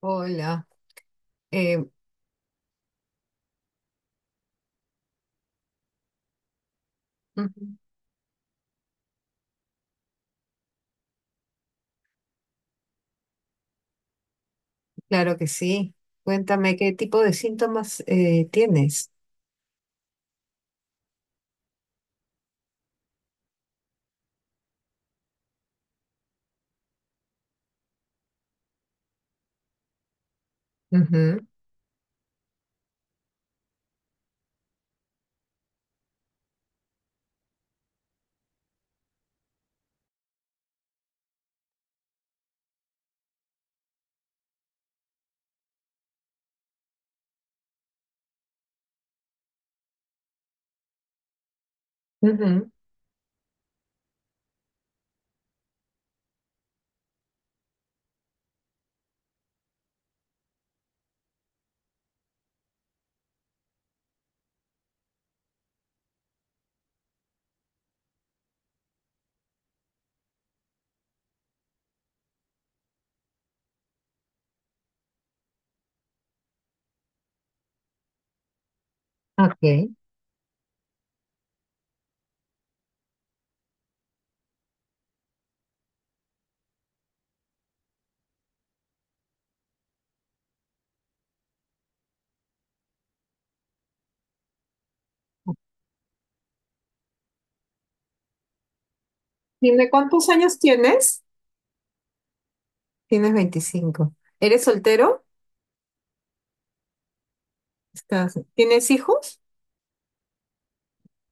Hola, eh, ujú, claro que sí. Cuéntame qué tipo de síntomas tienes. Ujú, ujú, ok. Dime, ¿cuántos años tienes? Tienes 25. ¿Eres soltero? Estás, ¿tienes hijos?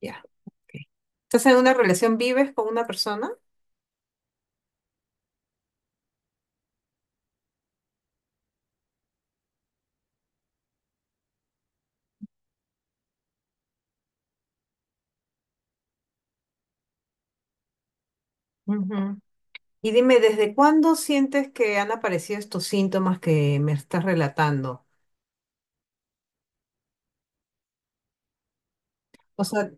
Ya, ok. ¿Estás en una relación? ¿Vives con una persona? Ujú. Y dime, ¿desde cuándo sientes que han aparecido estos síntomas que me estás relatando? O sea,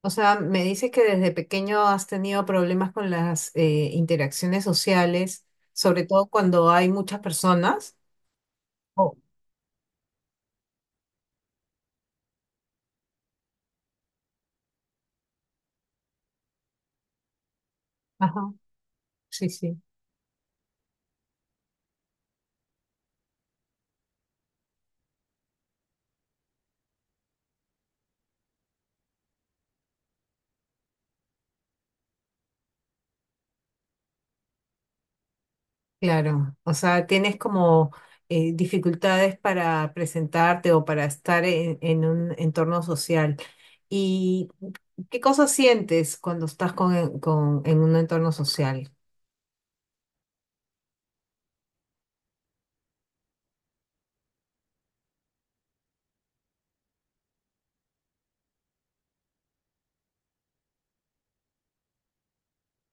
O sea, me dices que desde pequeño has tenido problemas con las interacciones sociales, sobre todo cuando hay muchas personas. Oh. Ajá, sí, sí, claro. O sea, tienes como dificultades para presentarte o para estar en un entorno social. ¿Y qué cosas sientes cuando estás con- en un entorno social?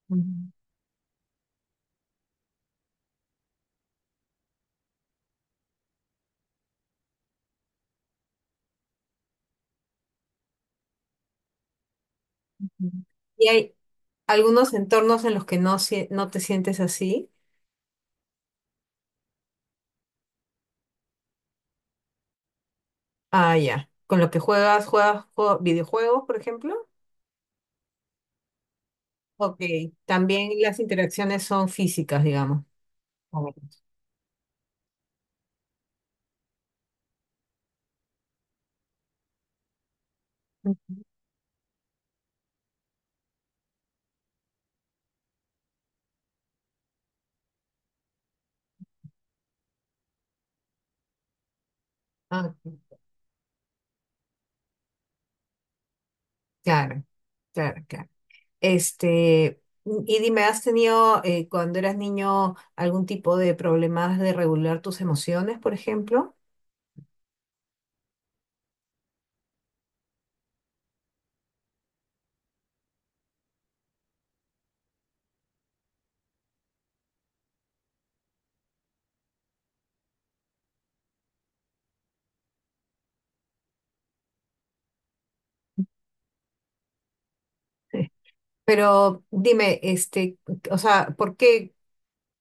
Ujú, ujú. ¿Y hay algunos entornos en los que sie- no te sientes así? Ah, ya. Con lo que juegas, juegas jue- videojuegos, por ejemplo. Ok. También las interacciones son físicas, digamos. Como- ujú. Ah, ok. Claro, claro, claro. Este, y dime, ¿has tenido cuando eras niño algún tipo de problemas de regular tus emociones, por ejemplo? Sí. Pero dime, este, o sea, ¿por qué,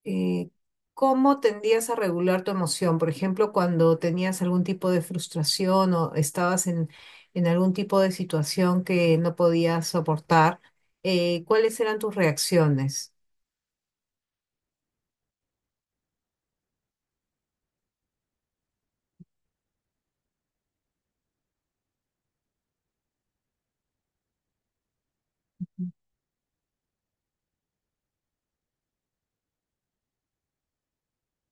eh, cómo tendías a regular tu emoción? Por ejemplo, cuando tenías algún tipo de frustración o estabas en algún tipo de situación que no podías soportar, ¿cuáles eran tus reacciones?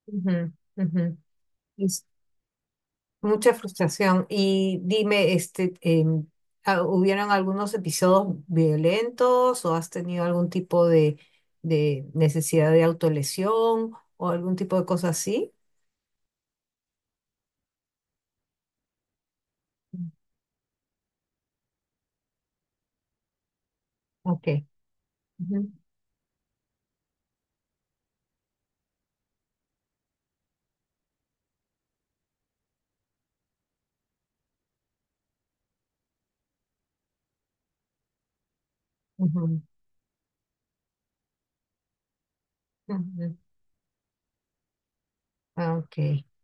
Ujú, ujú. Y- mucha frustración. Y dime, este, ¿hubieron algunos episodios violentos o has tenido algún tipo de necesidad de autolesión o algún tipo de cosa así? Ok. Ujú, ujú, ujú. Ah, ok. Y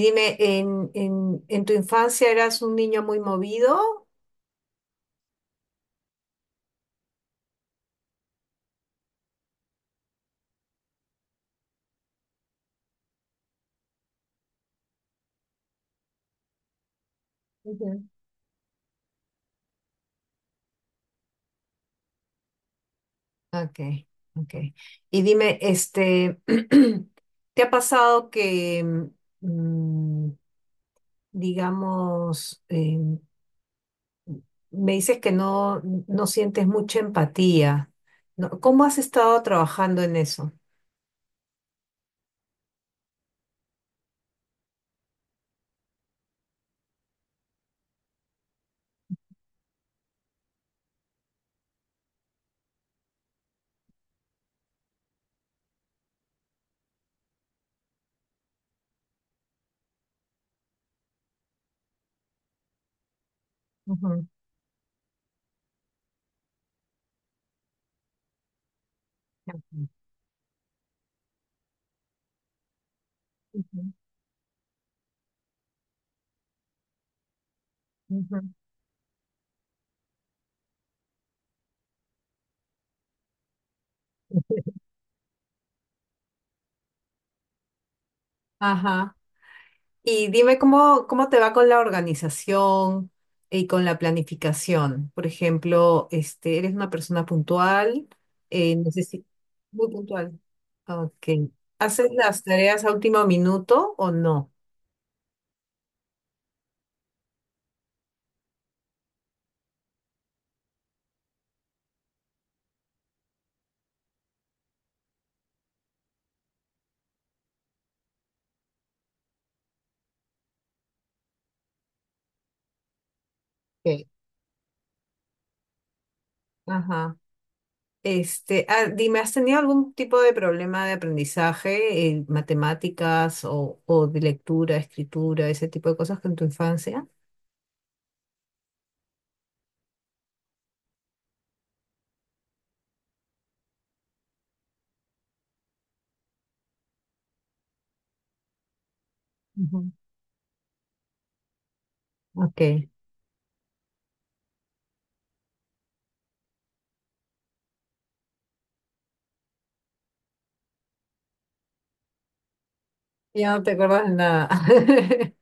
dime, en tu infancia eras un niño muy movido? Ujú. Ok, ok. Y dime, este, ¿te ha pasado que... mm, digamos, me dices que no sientes mucha empatía. ¿No? ¿Cómo has estado trabajando en eso? Ujú, ujú, ujú. Ajá. Y dime cómo, cómo te va con la organización y con la planificación. Por ejemplo, este, ¿eres una persona puntual? Eh, necesi- Muy puntual. Ok. ¿Haces las tareas a último minuto o no? Ok. Ajá. Este, dime, ¿has tenido algún tipo de problema de aprendizaje en matemáticas o de lectura, escritura, ese tipo de cosas con tu infancia? Ujú. Ok, ya no te acuerdas de nada.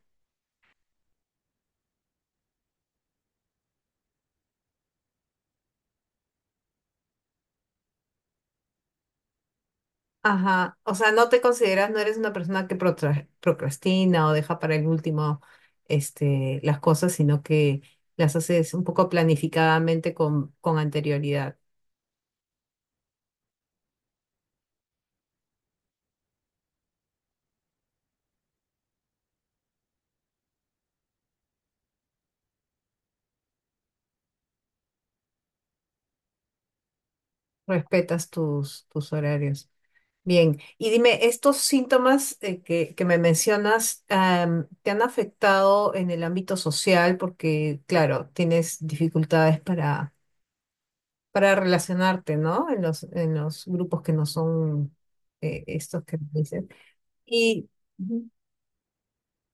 Ajá, o sea, no te consideras, no eres una persona que protra- procrastina o deja para el último, este, las cosas, sino que las haces un poco planificadamente con anterioridad. Respetas tus, tus horarios. Bien, y dime, ¿estos síntomas que me mencionas am, te han afectado en el ámbito social? Porque, claro, tienes dificultades para relacionarte, ¿no? En en los grupos que no son estos que me dices. Y, ujú.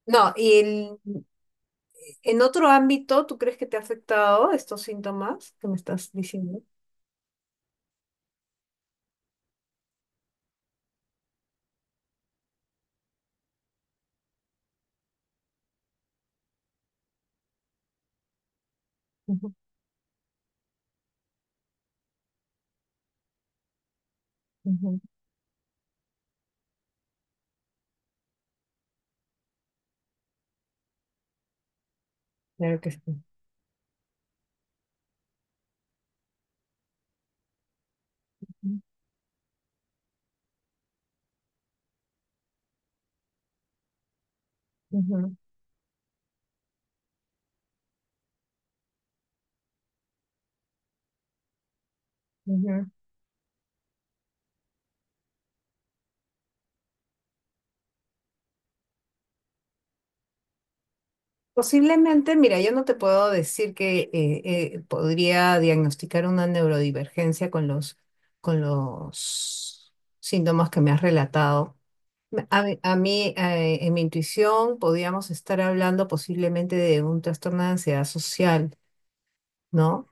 No, y el- en otro ámbito, ¿tú crees que te ha afectado estos síntomas que me estás diciendo? Ujú, ujú, claro que sí. Ujú, ujú, ujú. Posiblemente, mira, yo no te puedo decir que podría diagnosticar una neurodivergencia con con los síntomas que me has relatado. A mí, en mi intuición, podíamos estar hablando posiblemente de un trastorno de ansiedad social, ¿no?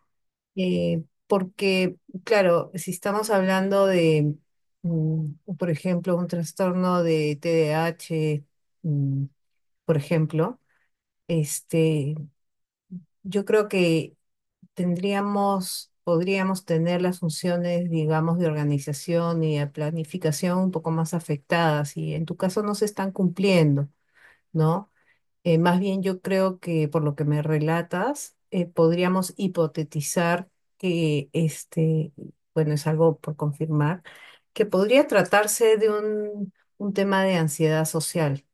Porque, claro, si estamos hablando de, mm, por ejemplo, un trastorno de TDAH, mm, por ejemplo, este yo creo que tendríamos, podríamos tener las funciones, digamos, de organización y de planificación un poco más afectadas y en tu caso no se están cumpliendo, ¿no? Más bien yo creo que por lo que me relatas, podríamos hipotetizar que este, bueno, es algo por confirmar, que podría tratarse de un tema de ansiedad social.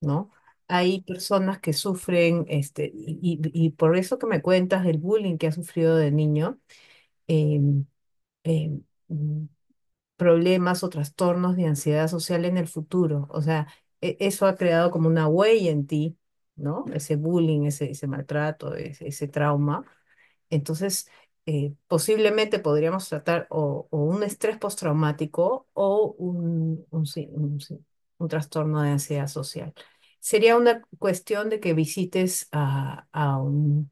¿No? Hay personas que sufren, este, y por eso que me cuentas del bullying que has sufrido de niño, em, em, mm, problemas o trastornos de ansiedad social en el futuro. O sea, e- eso ha creado como una huella en ti, ¿no? Ese bullying, ese maltrato, ese trauma. Entonces, posiblemente podríamos tratar o un estrés postraumático o un trastorno de ansiedad social. Sería una cuestión de que visites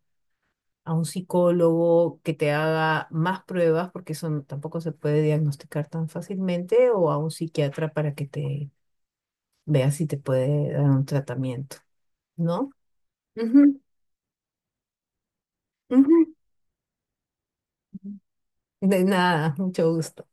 a un psicólogo que te haga más pruebas, porque eso no- tampoco se puede diagnosticar tan fácilmente, o a un psiquiatra para que te vea si te puede dar un tratamiento, ¿no? Ujú, ujú. De nada, mucho gusto.